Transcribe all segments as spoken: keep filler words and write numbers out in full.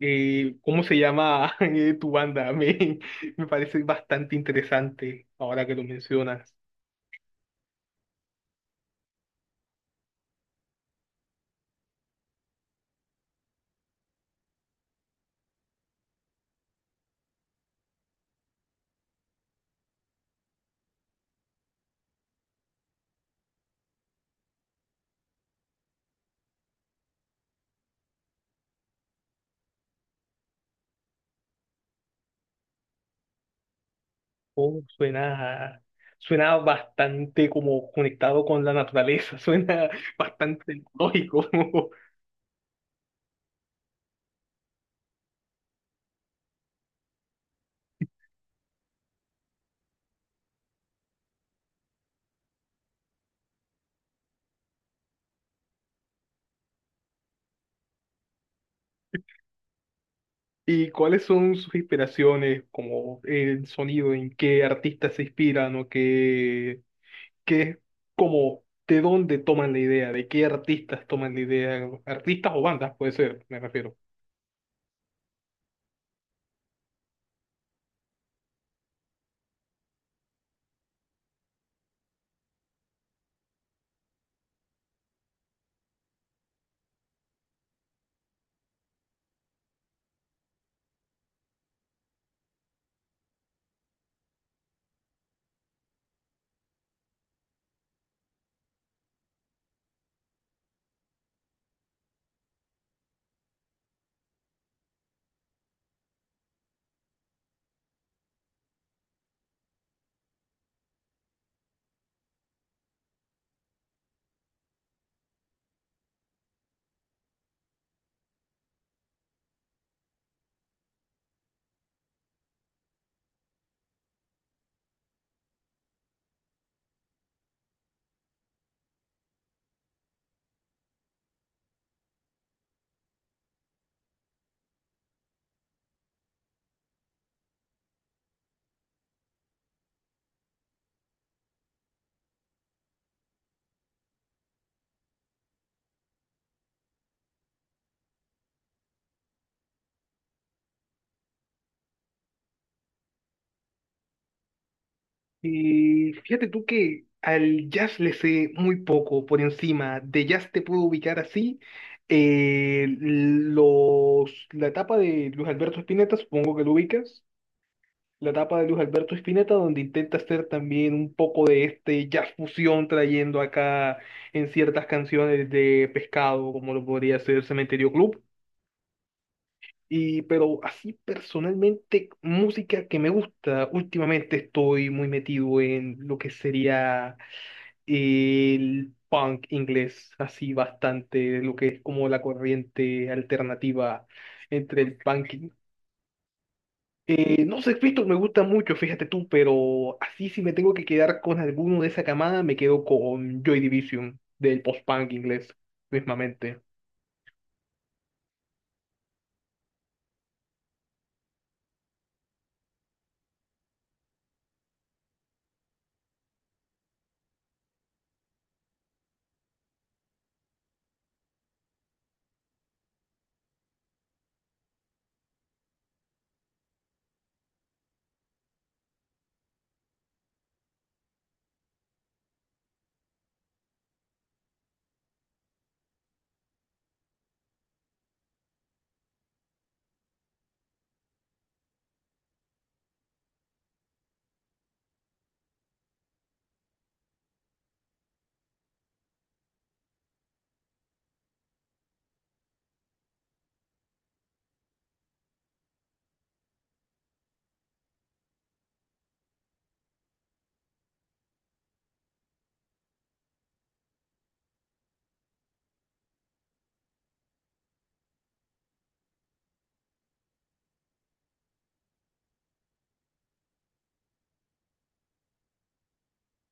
eh, ¿Cómo se llama? Eh, ¿tu banda? Me, me parece bastante interesante ahora que lo mencionas. Oh, suena, suena bastante como conectado con la naturaleza, suena bastante lógico. ¿Y cuáles son sus inspiraciones, como el sonido, en qué artistas se inspiran o qué, qué, como, de dónde toman la idea, de qué artistas toman la idea, artistas o bandas puede ser, me refiero. Y fíjate tú que al jazz le sé muy poco por encima. De jazz te puedo ubicar así. Eh, los, la etapa de Luis Alberto Spinetta, supongo que lo ubicas. La etapa de Luis Alberto Spinetta, donde intenta hacer también un poco de este jazz fusión, trayendo acá en ciertas canciones de Pescado, como lo podría ser Cementerio Club. Y, pero así personalmente, música que me gusta, últimamente estoy muy metido en lo que sería el punk inglés, así bastante, lo que es como la corriente alternativa entre el punking. Eh, no sé, Cristo, me gusta mucho, fíjate tú, pero así si me tengo que quedar con alguno de esa camada, me quedo con Joy Division, del post-punk inglés, mismamente.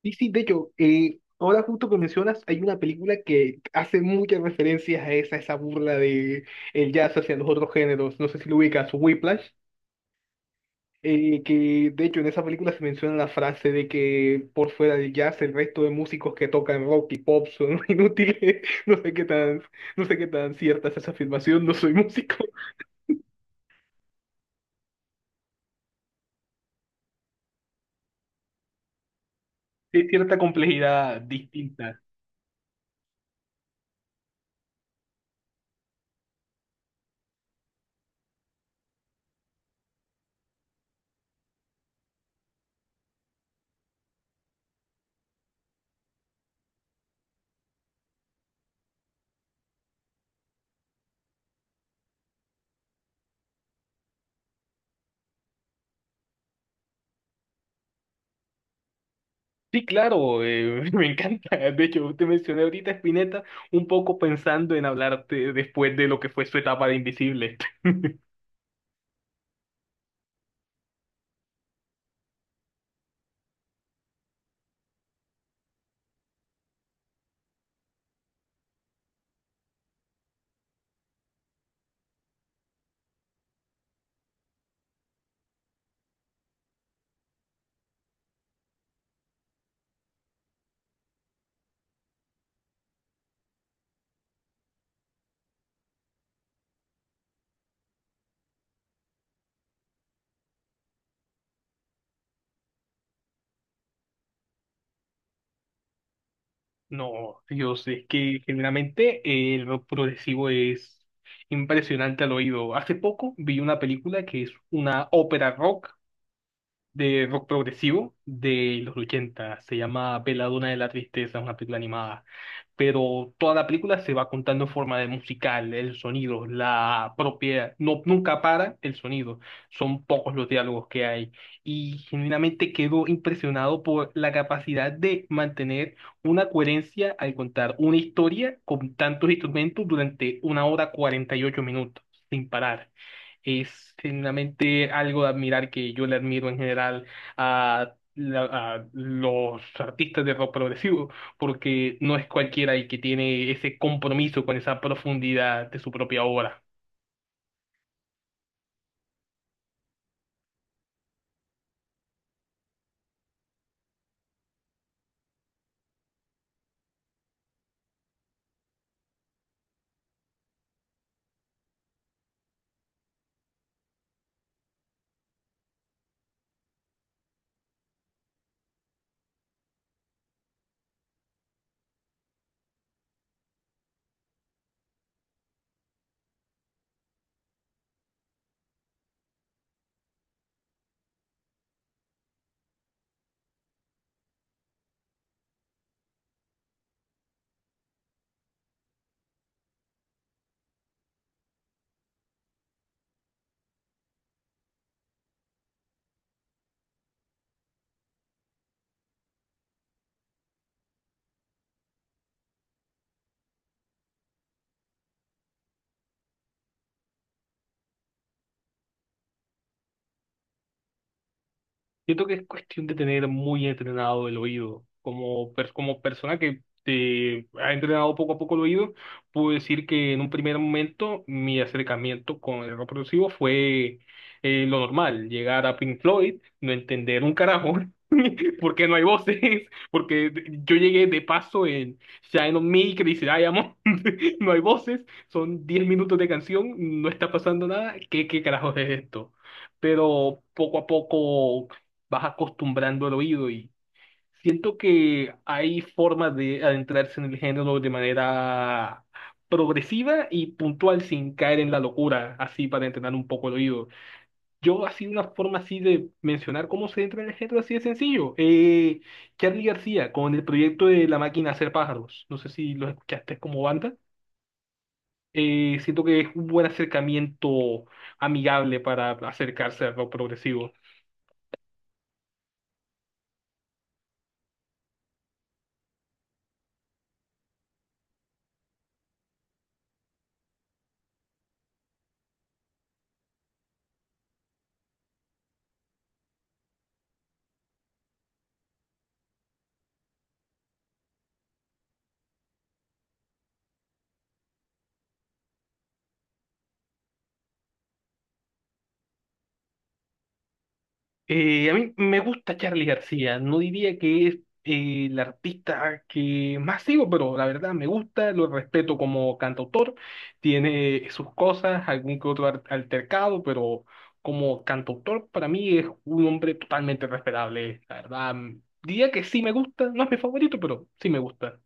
Y sí, de hecho, eh, ahora justo que mencionas, hay una película que hace muchas referencias a esa, esa burla de el jazz hacia los otros géneros. No sé si lo ubicas, Whiplash. Eh, que de hecho en esa película se menciona la frase de que por fuera del jazz el resto de músicos que tocan rock y pop son inútiles. No sé qué tan, no sé qué tan cierta es esa afirmación, no soy músico. Hay cierta complejidad distinta. Sí, claro, eh, me encanta. De hecho, te mencioné ahorita a Spinetta un poco pensando en hablarte después de lo que fue su etapa de Invisible. No, Dios, es que generalmente el rock progresivo es impresionante al oído. Hace poco vi una película que es una ópera rock de rock progresivo de los ochenta. Se llama Belladonna de la Tristeza, una película animada, pero toda la película se va contando en forma de musical, el sonido, la propia, no, nunca para el sonido, son pocos los diálogos que hay y genuinamente quedo impresionado por la capacidad de mantener una coherencia al contar una historia con tantos instrumentos durante una hora cuarenta y ocho minutos, sin parar. Es genuinamente algo de admirar que yo le admiro en general a, la- a los artistas de rock progresivo porque no es cualquiera el que tiene ese compromiso con esa profundidad de su propia obra. Siento que es cuestión de tener muy entrenado el oído. Como, per- como persona que te ha entrenado poco a poco el oído, puedo decir que en un primer momento mi acercamiento con el rock progresivo fue eh, lo normal, llegar a Pink Floyd, no entender un carajo, porque no hay voces, porque yo llegué de paso en Shine on Me, Crazy Diamond. No hay voces, son diez minutos de canción, no está pasando nada. ¿Qué, qué carajos es esto? Pero poco a poco vas acostumbrando el oído y siento que hay formas de adentrarse en el género de manera progresiva y puntual sin caer en la locura, así para entrenar un poco el oído. Yo así una forma así de mencionar cómo se entra en el género así de sencillo. Eh, Charly García con el proyecto de La Máquina de Hacer Pájaros. No sé si lo escuchaste como banda. Eh, siento que es un buen acercamiento amigable para acercarse al rock progresivo. Eh, a mí me gusta Charly García, no diría que es eh, el artista que más sigo, pero la verdad me gusta, lo respeto como cantautor, tiene sus cosas, algún que otro al- altercado, pero como cantautor para mí es un hombre totalmente respetable, la verdad. mm, Diría que sí me gusta, no es mi favorito, pero sí me gusta.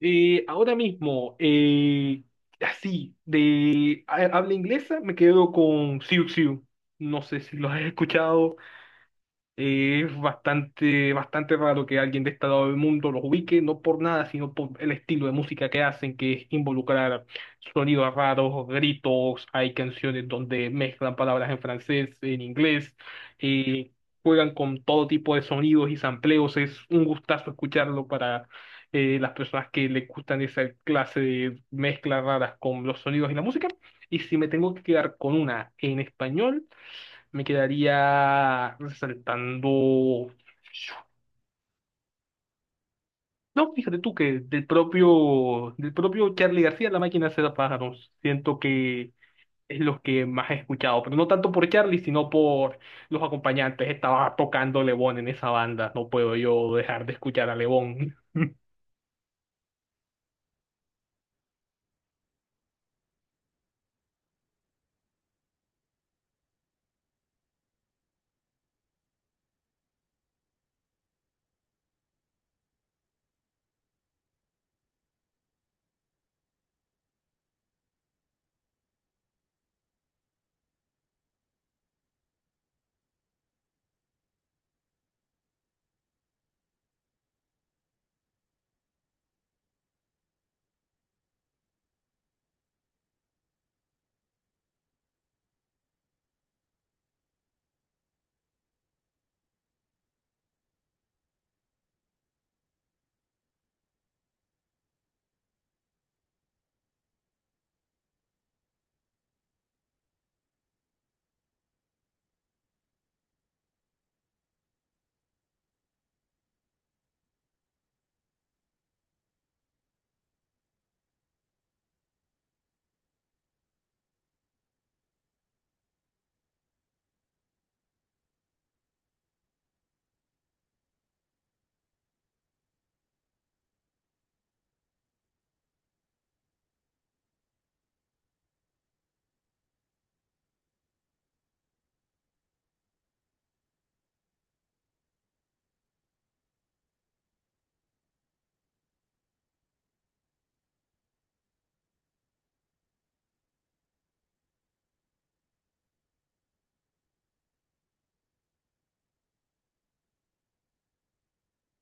Eh, ahora mismo, eh, Así, de ha- habla inglesa, me quedo con Siu Siu. No sé si lo has escuchado. eh, Es bastante, bastante raro que alguien de este lado del mundo los ubique, no por nada, sino por el estilo de música que hacen, que es involucrar sonidos raros, gritos, hay canciones donde mezclan palabras en francés, en inglés, eh, juegan con todo tipo de sonidos y sampleos, es un gustazo escucharlo para eh, las personas que les gustan esa clase de mezclas raras con los sonidos y la música. Y si me tengo que quedar con una en español, me quedaría resaltando. No, fíjate tú que del propio, del propio Charlie García, La Máquina de Hacer Pájaros, siento que es lo que más he escuchado, pero no tanto por Charlie, sino por los acompañantes. Estaba tocando Lebón en esa banda, no puedo yo dejar de escuchar a Lebón.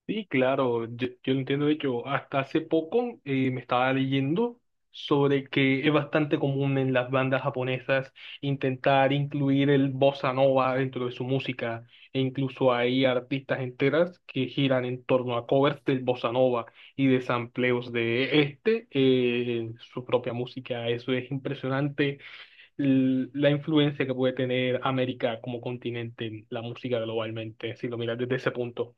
Sí, claro, yo, yo lo entiendo. De hecho, hasta hace poco eh, me estaba leyendo sobre que es bastante común en las bandas japonesas intentar incluir el bossa nova dentro de su música. E incluso hay artistas enteras que giran en torno a covers del bossa nova y de sampleos de este eh, en su propia música. Eso es impresionante, l- la influencia que puede tener América como continente en la música globalmente, si lo miras desde ese punto.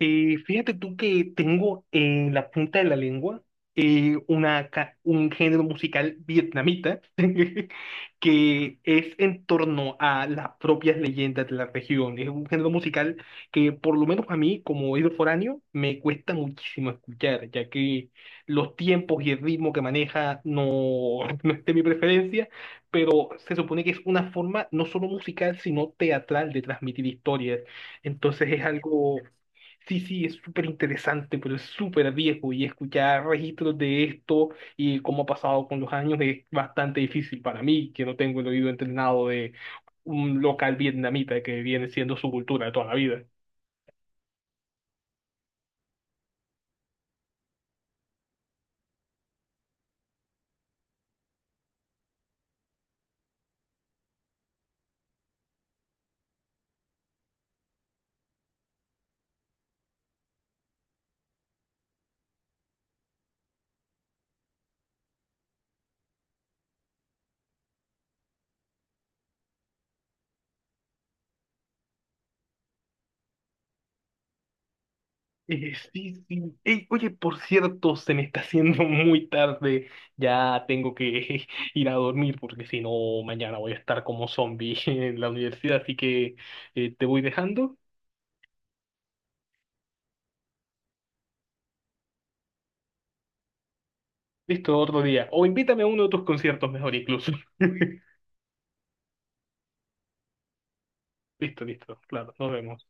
Eh, fíjate tú que tengo en la punta de la lengua eh, una, ca- un género musical vietnamita que es en torno a las propias leyendas de la región. Es un género musical que por lo menos a mí, como oído foráneo, me cuesta muchísimo escuchar, ya que los tiempos y el ritmo que maneja no, no es de mi preferencia, pero se supone que es una forma no solo musical, sino teatral de transmitir historias. Entonces es algo... Sí, sí, es súper interesante, pero es súper viejo y escuchar registros de esto y cómo ha pasado con los años es bastante difícil para mí, que no tengo el oído entrenado de un local vietnamita que viene siendo su cultura de toda la vida. Eh, sí, sí. Ey, oye, por cierto, se me está haciendo muy tarde. Ya tengo que ir a dormir porque si no, mañana voy a estar como zombie en la universidad, así que eh, te voy dejando. Listo, otro día. O invítame a uno de tus conciertos mejor incluso. Listo, listo. Claro, nos vemos.